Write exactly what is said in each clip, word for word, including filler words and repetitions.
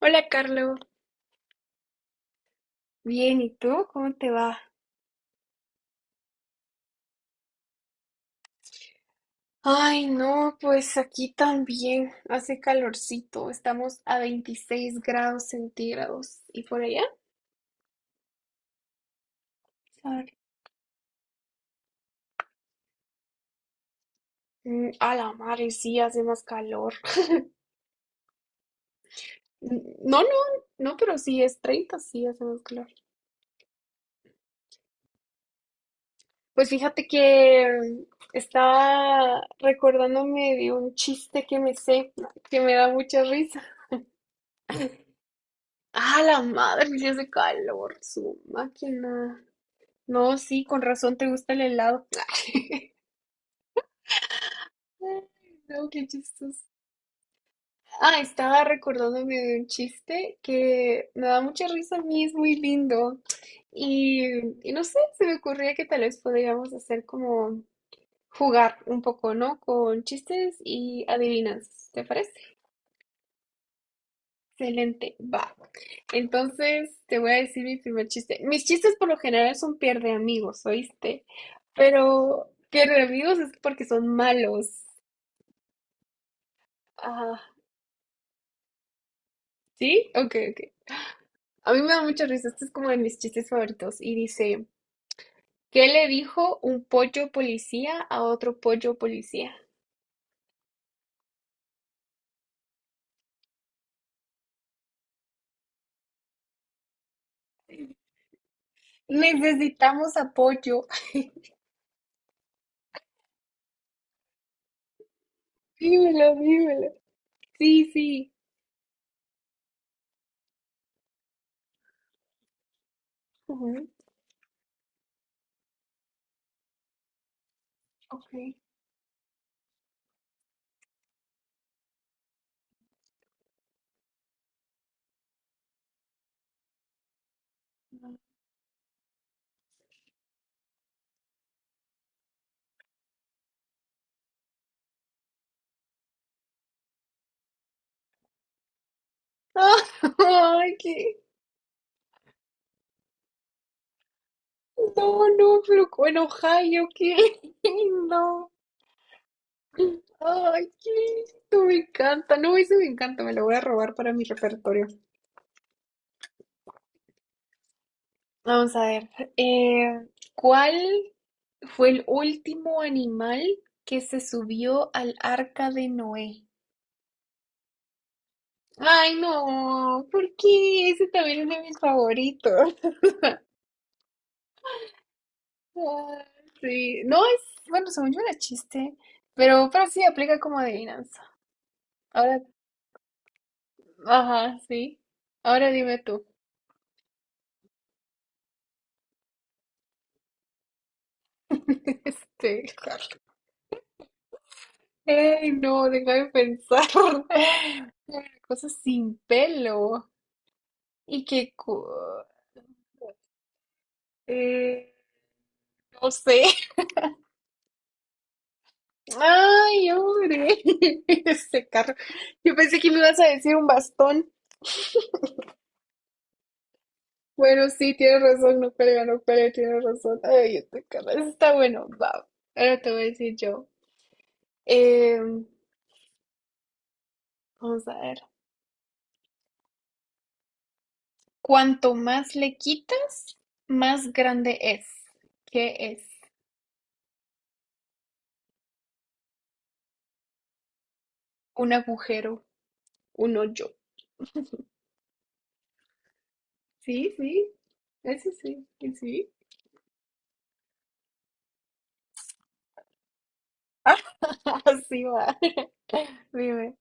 Hola, Carlos. Bien, ¿y tú? ¿Cómo te va? Ay, no, pues aquí también hace calorcito. Estamos a veintiséis grados centígrados. ¿Y por allá? Sorry. Mm, a la madre, sí hace más calor. N- No, no, no, pero sí es treinta sí hace más calor. Pues fíjate que mm, estaba recordándome de un chiste que me sé, que me da mucha risa. A la madre, sí hace calor, su máquina. No, sí, con razón te gusta el helado. Ay, no, qué chistoso. Ah, estaba recordándome de un chiste que me da mucha risa a mí, es muy lindo. Y, y no sé, se me ocurría que tal vez podríamos hacer como jugar un poco, ¿no? Con chistes y adivinanzas, ¿te parece? Excelente, va. Entonces te voy a decir mi primer chiste. Mis chistes por lo general son pierde amigos, ¿oíste? Pero pierde amigos es porque son malos. Ah, ¿sí? Ok, ok. A mí me da mucha risa. Este es como de mis chistes favoritos. Y dice, ¿qué le dijo un pollo policía a otro pollo policía? Necesitamos apoyo. Dímelo, dímelo. Sí, sí. Ujú, ok. Ay, qué. No, no, pero en Ohio, qué lindo. Ay, qué lindo, me encanta. No, eso me encanta, me lo voy a robar para mi repertorio. Vamos a ver. eh, ¿Cuál fue el último animal que se subió al arca de Noé? Ay, no, ¿por qué? Ese también es de mis favoritos. Ah, sí, no es, bueno, según yo era chiste, pero, pero sí aplica como adivinanza. Ahora, ajá, sí. Ahora dime tú. Este, ay, no, déjame pensar. Una cosa sin pelo y que, cu- eh, no sé. Ay, hombre, ese carro. Yo pensé que me ibas a decir un bastón. Bueno, sí, tienes razón, no pelea, no pelea, tienes razón. Ay, este carro, eso está bueno. Va, ahora te voy a decir yo. Eh, Vamos a ver. Cuanto más le quitas, más grande es. ¿Qué es? Un agujero, un hoyo. Sí, sí, eso sí, que sí. Ah, así va. Dime.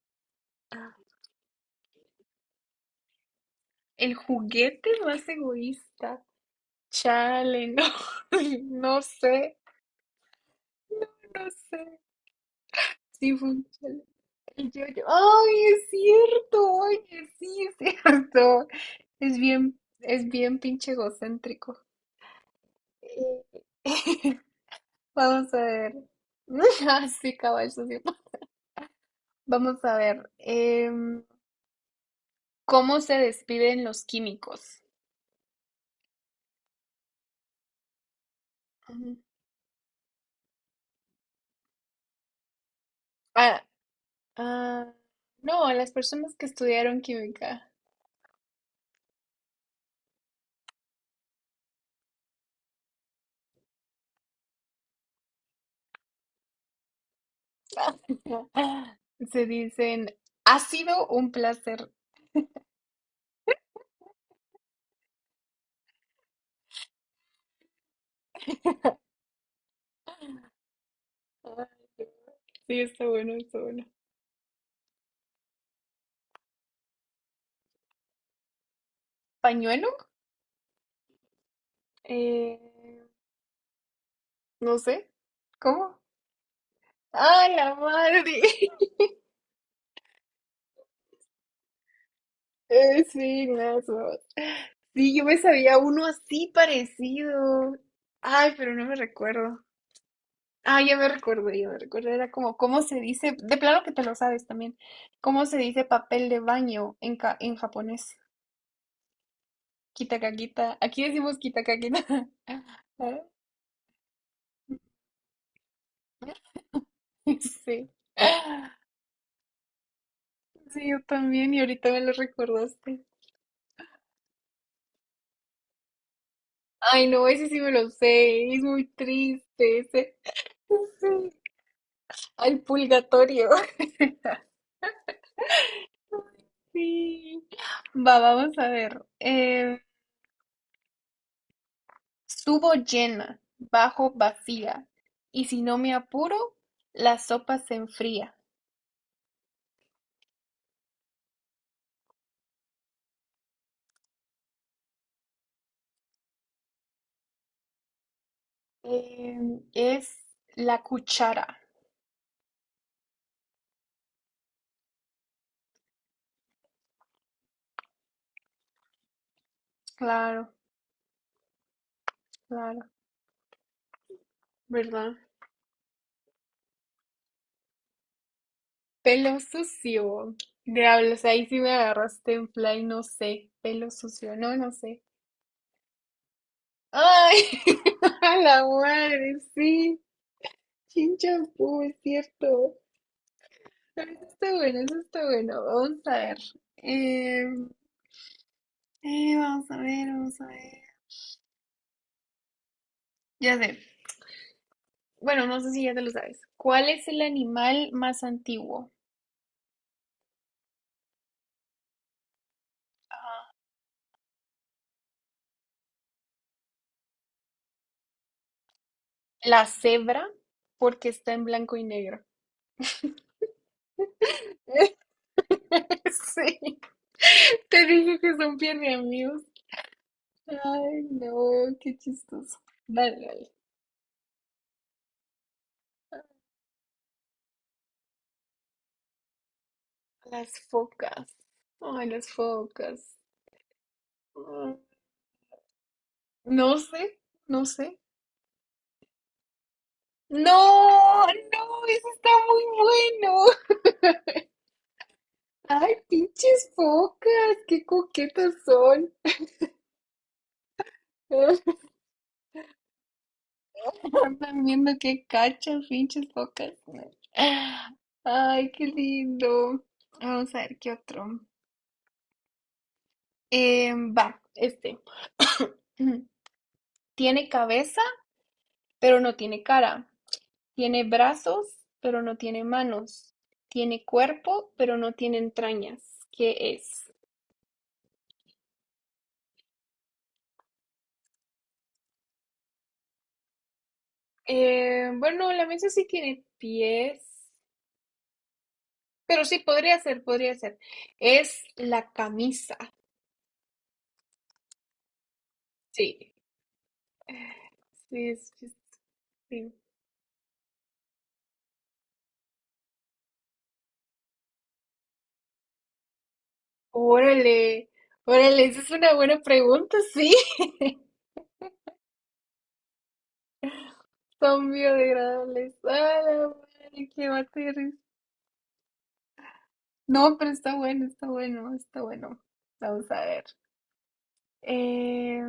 El juguete más egoísta. Chale, no, no sé, no sé. Sí, fue un chale. El yo-yo. Ay, es cierto, oye, sí, es cierto. Es bien, es bien pinche egocéntrico. Eh, Vamos a ver. Ah, sí, cabal, eso sí. Vamos a ver. Em, ¿cómo se despiden los químicos? Ujú. Ah, ah, no, a las personas que estudiaron química. Se dicen, ha sido un placer. Sí, está bueno, está bueno. ¿Pañuelo? Eh, no sé. ¿Cómo? ¡Ah, la madre! Eh, sí, nazos. Sí, yo me sabía uno así parecido. Ay, pero no me recuerdo. Ah, ya me recuerdo, ya me recuerdo. Era como, ¿cómo se dice? De plano que te lo sabes también. ¿Cómo se dice papel de baño en, ca- en japonés? Kitakakita. Aquí decimos kitakakita. Ah, sí. Sí, yo también, y ahorita me lo recordaste. Ay, no, ese sí me lo sé, es muy triste ese. Sí. Al purgatorio. Sí. Va, vamos a ver. Eh, subo llena, bajo vacía, y si no me apuro, la sopa se enfría. Eh, es la cuchara. Claro, claro, ¿verdad? Pelo sucio. Diablos, ahí sí me agarraste en play, no sé. Pelo sucio, no, no sé. Ay, a la madre, sí. Chinchampú, es cierto. Eso está bueno, eso está bueno. Vamos a ver. Eh, eh, vamos a ver, vamos a ver. Ya sé. Bueno, no sé si ya te lo sabes. ¿Cuál es el animal más antiguo? La cebra, porque está en blanco y negro. Sí, te dije que son bien de amigos. Ay, no, qué chistoso. Dale, dale. Las focas. Ay, las focas. Ah. No sé, no sé. No, no, eso está muy bueno. Ay, pinches focas, qué coquetas son. Andan viendo qué cachas, pinches focas. Ay, qué lindo. Vamos a ver qué otro. Eh, va, este. Tiene cabeza, pero no tiene cara. Tiene brazos, pero no tiene manos. Tiene cuerpo, pero no tiene entrañas. ¿Qué es? Eh, bueno, la mesa sí tiene pies, pero sí, podría ser, podría ser. Es la camisa, sí, sí, es- sí, sí. Órale, órale, esa es una buena pregunta, sí. Son biodegradables. ¡Ah, la madre, qué bater! No, pero está bueno, está bueno, está bueno. Vamos a ver. Eh,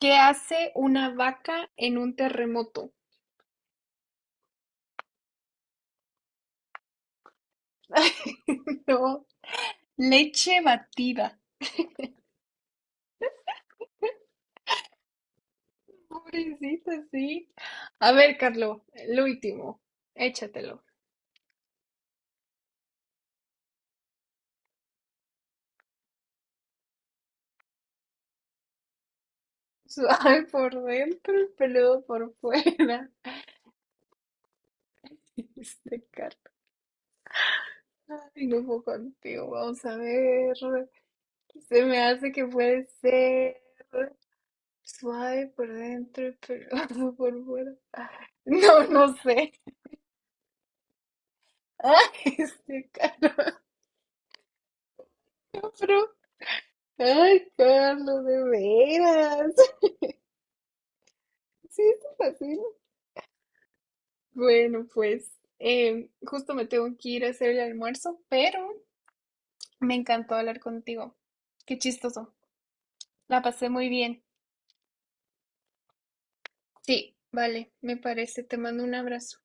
¿qué hace una vaca en un terremoto? No, leche batida. Pobrecita, sí. A ver, Carlos, el último, échatelo. Suave por dentro, peludo por fuera. Este Carlos, ay, no puedo contigo. Vamos a ver. Se me hace que puede ser suave por dentro y peludo por fuera. No, no sé. Ay, este Carlos, no, pero- ay, Carlos, de veras. Sí, es fácil. Bueno, pues em, justo me tengo que ir a hacer el almuerzo, pero me encantó hablar contigo. Qué chistoso. La pasé muy bien. Sí, vale, me parece. Te mando un abrazo.